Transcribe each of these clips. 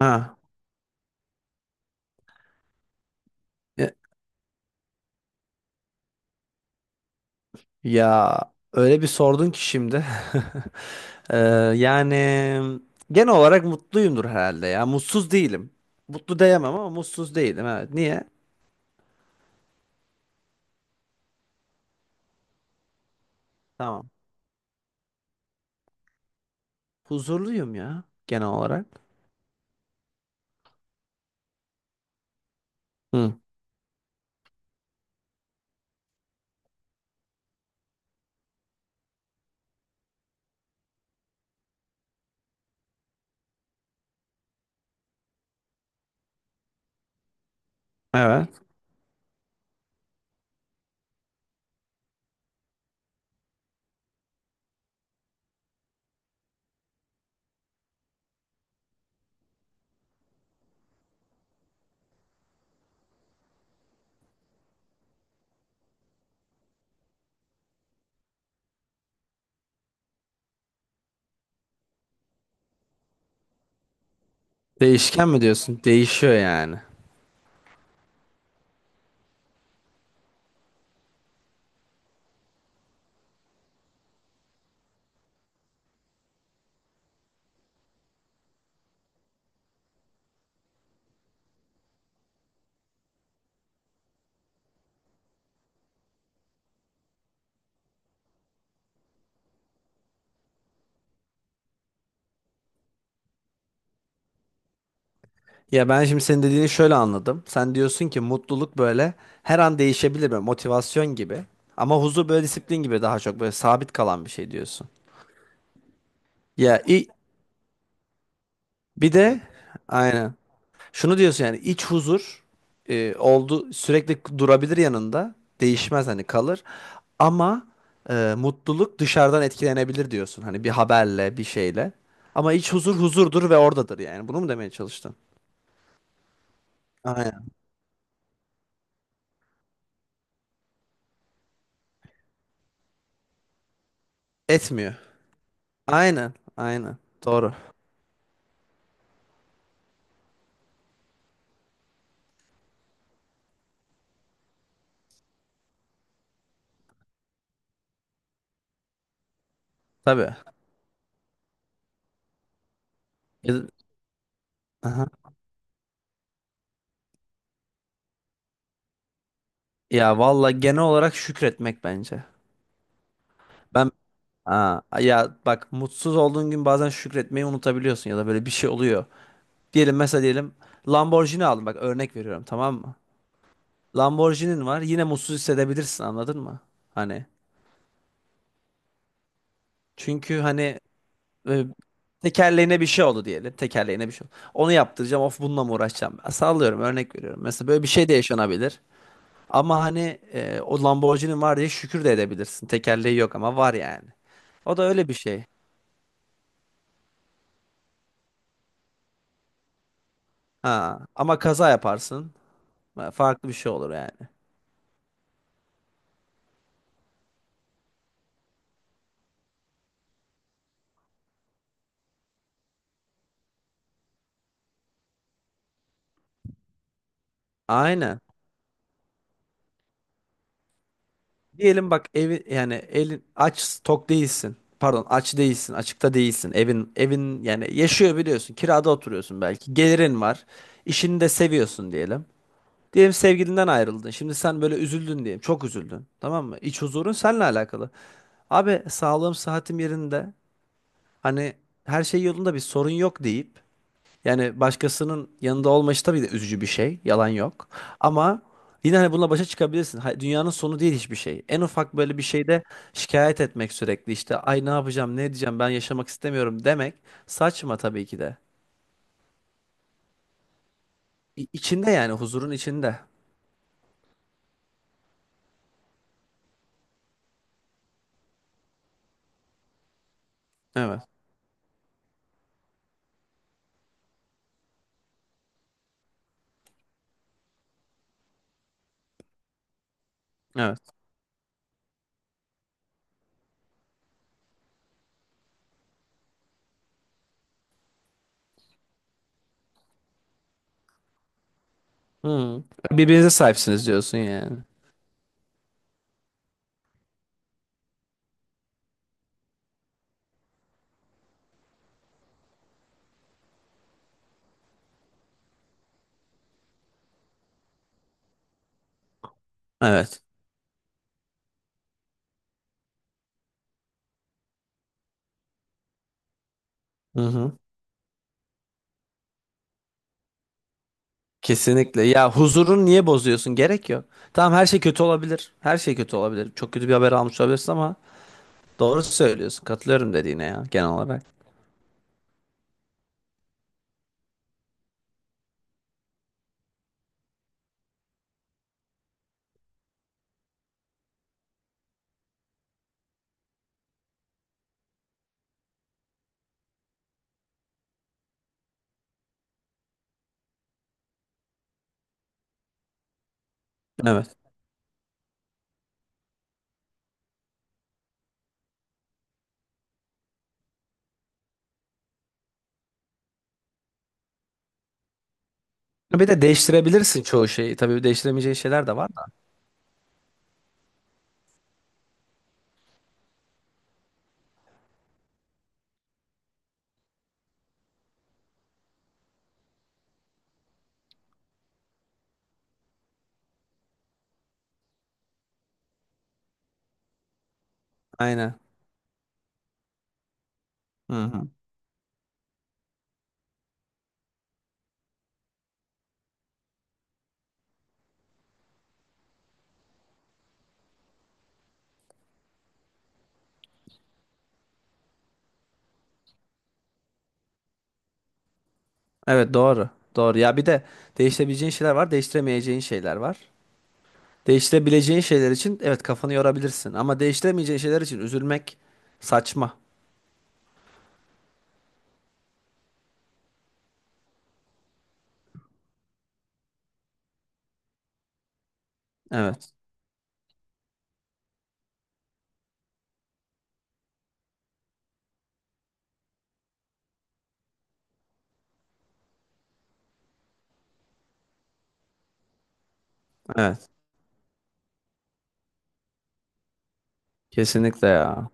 Ha. Ya, ya öyle bir sordun ki şimdi. Ee, yani genel olarak mutluyumdur herhalde ya. Mutsuz değilim. Mutlu diyemem ama mutsuz değilim. Evet. Niye? Tamam. Huzurluyum ya genel olarak. Hı. Evet. Değişken mi diyorsun? Değişiyor yani. Ya ben şimdi senin dediğini şöyle anladım. Sen diyorsun ki mutluluk böyle her an değişebilir böyle motivasyon gibi. Ama huzur böyle disiplin gibi daha çok böyle sabit kalan bir şey diyorsun. Ya i- bir de aynen. Şunu diyorsun yani iç huzur oldu sürekli durabilir yanında. Değişmez hani kalır. Ama mutluluk dışarıdan etkilenebilir diyorsun. Hani bir haberle, bir şeyle. Ama iç huzur huzurdur ve oradadır yani. Bunu mu demeye çalıştın? Aynen. Etmiyor. Aynen. Aynen. Doğru. Tabii. Ya, aha. Ya vallahi genel olarak şükretmek bence. Ben Aa, ya bak mutsuz olduğun gün bazen şükretmeyi unutabiliyorsun ya da böyle bir şey oluyor. Diyelim mesela diyelim Lamborghini aldım bak örnek veriyorum tamam mı? Lamborghini'nin var yine mutsuz hissedebilirsin anladın mı? Hani çünkü hani e, tekerleğine bir şey oldu diyelim tekerleğine bir şey oldu. Onu yaptıracağım of bununla mı uğraşacağım? Ben sallıyorum örnek veriyorum. Mesela böyle bir şey de yaşanabilir. Ama hani o Lamborghini'nin var diye şükür de edebilirsin. Tekerleği yok ama var yani. O da öyle bir şey. Ha, ama kaza yaparsın. Farklı bir şey olur yani. Aynen. Diyelim bak evi yani elin aç tok değilsin. Pardon aç değilsin açıkta değilsin. Evin yani yaşıyor biliyorsun. Kirada oturuyorsun belki. Gelirin var. İşini de seviyorsun diyelim. Diyelim sevgilinden ayrıldın. Şimdi sen böyle üzüldün diyelim. Çok üzüldün. Tamam mı? İç huzurun seninle alakalı. Abi sağlığım sıhhatim yerinde. Hani her şey yolunda bir sorun yok deyip yani başkasının yanında olma işi tabii de üzücü bir şey. Yalan yok. Ama yine hani bununla başa çıkabilirsin. Ha- Dünyanın sonu değil hiçbir şey. En ufak böyle bir şeyde şikayet etmek sürekli işte ay ne yapacağım ne edeceğim ben yaşamak istemiyorum demek saçma tabii ki de. İ- İçinde yani huzurun içinde. Evet. Evet. Hı. Birbirinize sahipsiniz diyorsun yani. Evet. Hı hı. Kesinlikle. Ya huzurun niye bozuyorsun? Gerek yok. Tamam her şey kötü olabilir. Her şey kötü olabilir. Çok kötü bir haber almış olabilirsin ama doğru söylüyorsun. Katılıyorum dediğine ya genel olarak. Evet. Bir de değiştirebilirsin çoğu şeyi. Tabii değiştiremeyeceğin şeyler de var da. Aynen. Hı hı. Evet doğru. Doğru. Ya bir de değiştirebileceğin şeyler var, değiştiremeyeceğin şeyler var. Değiştirebileceğin şeyler için evet kafanı yorabilirsin ama değiştiremeyeceğin şeyler için üzülmek saçma. Evet. Evet. Kesinlikle ya.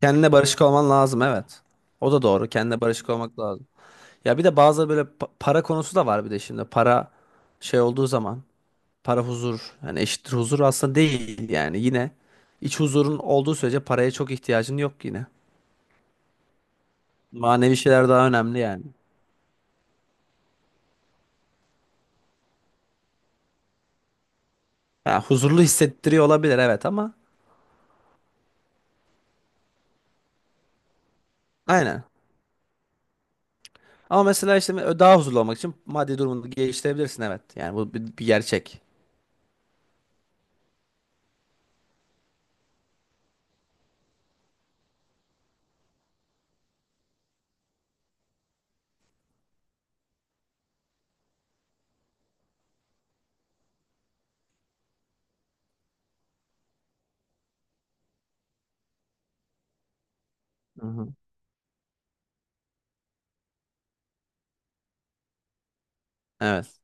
Kendine barışık olman lazım evet. O da doğru. Kendine barışık olmak lazım. Ya bir de bazı böyle pa- para konusu da var bir de şimdi. Para şey olduğu zaman para huzur. Yani eşittir huzur aslında değil yani. Yine iç huzurun olduğu sürece paraya çok ihtiyacın yok yine. Manevi şeyler daha önemli yani. Ha, huzurlu hissettiriyor olabilir evet ama aynen. Ama mesela işte daha huzurlu olmak için maddi durumunu geliştirebilirsin evet. Yani bu bir gerçek. Hı hı. Evet.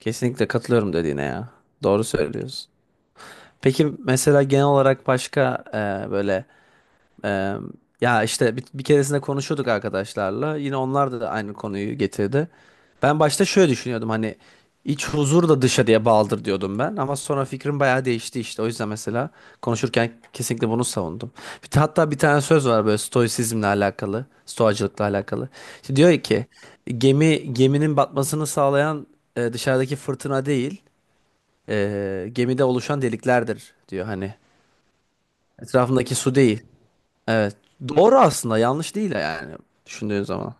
Kesinlikle katılıyorum dediğine ya. Doğru söylüyorsun. Peki mesela genel olarak başka böyle Ee, ya işte bir keresinde konuşuyorduk arkadaşlarla. Yine onlar da aynı konuyu getirdi. Ben başta şöyle düşünüyordum hani iç huzur da dışarıya bağlıdır diyordum ben. Ama sonra fikrim bayağı değişti işte. O yüzden mesela konuşurken kesinlikle bunu savundum. Bir, hatta bir tane söz var böyle stoisizmle alakalı, stoacılıkla alakalı. İşte diyor ki geminin batmasını sağlayan dışarıdaki fırtına değil, gemide oluşan deliklerdir diyor hani. Etrafındaki su değil. Evet. Doğru aslında. Yanlış değil yani. Düşündüğün zaman.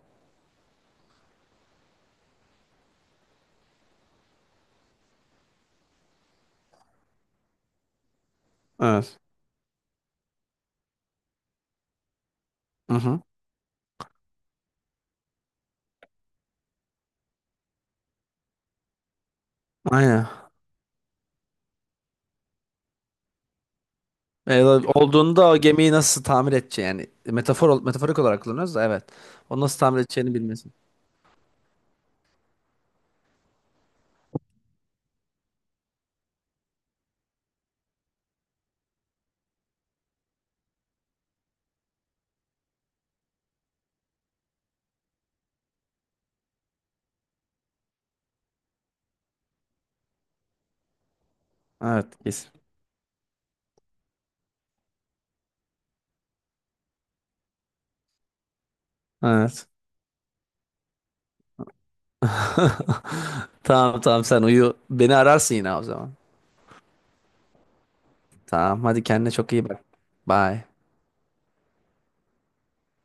Evet. Hı hı. Aynen. E, olduğunda o gemiyi nasıl tamir edeceği yani metaforik olarak kullanıyoruz da evet. O nasıl tamir edeceğini bilmesin. Evet, kesin. Evet. Tamam tamam sen uyu. Beni ararsın yine o zaman. Tamam hadi kendine çok iyi bak. Bye.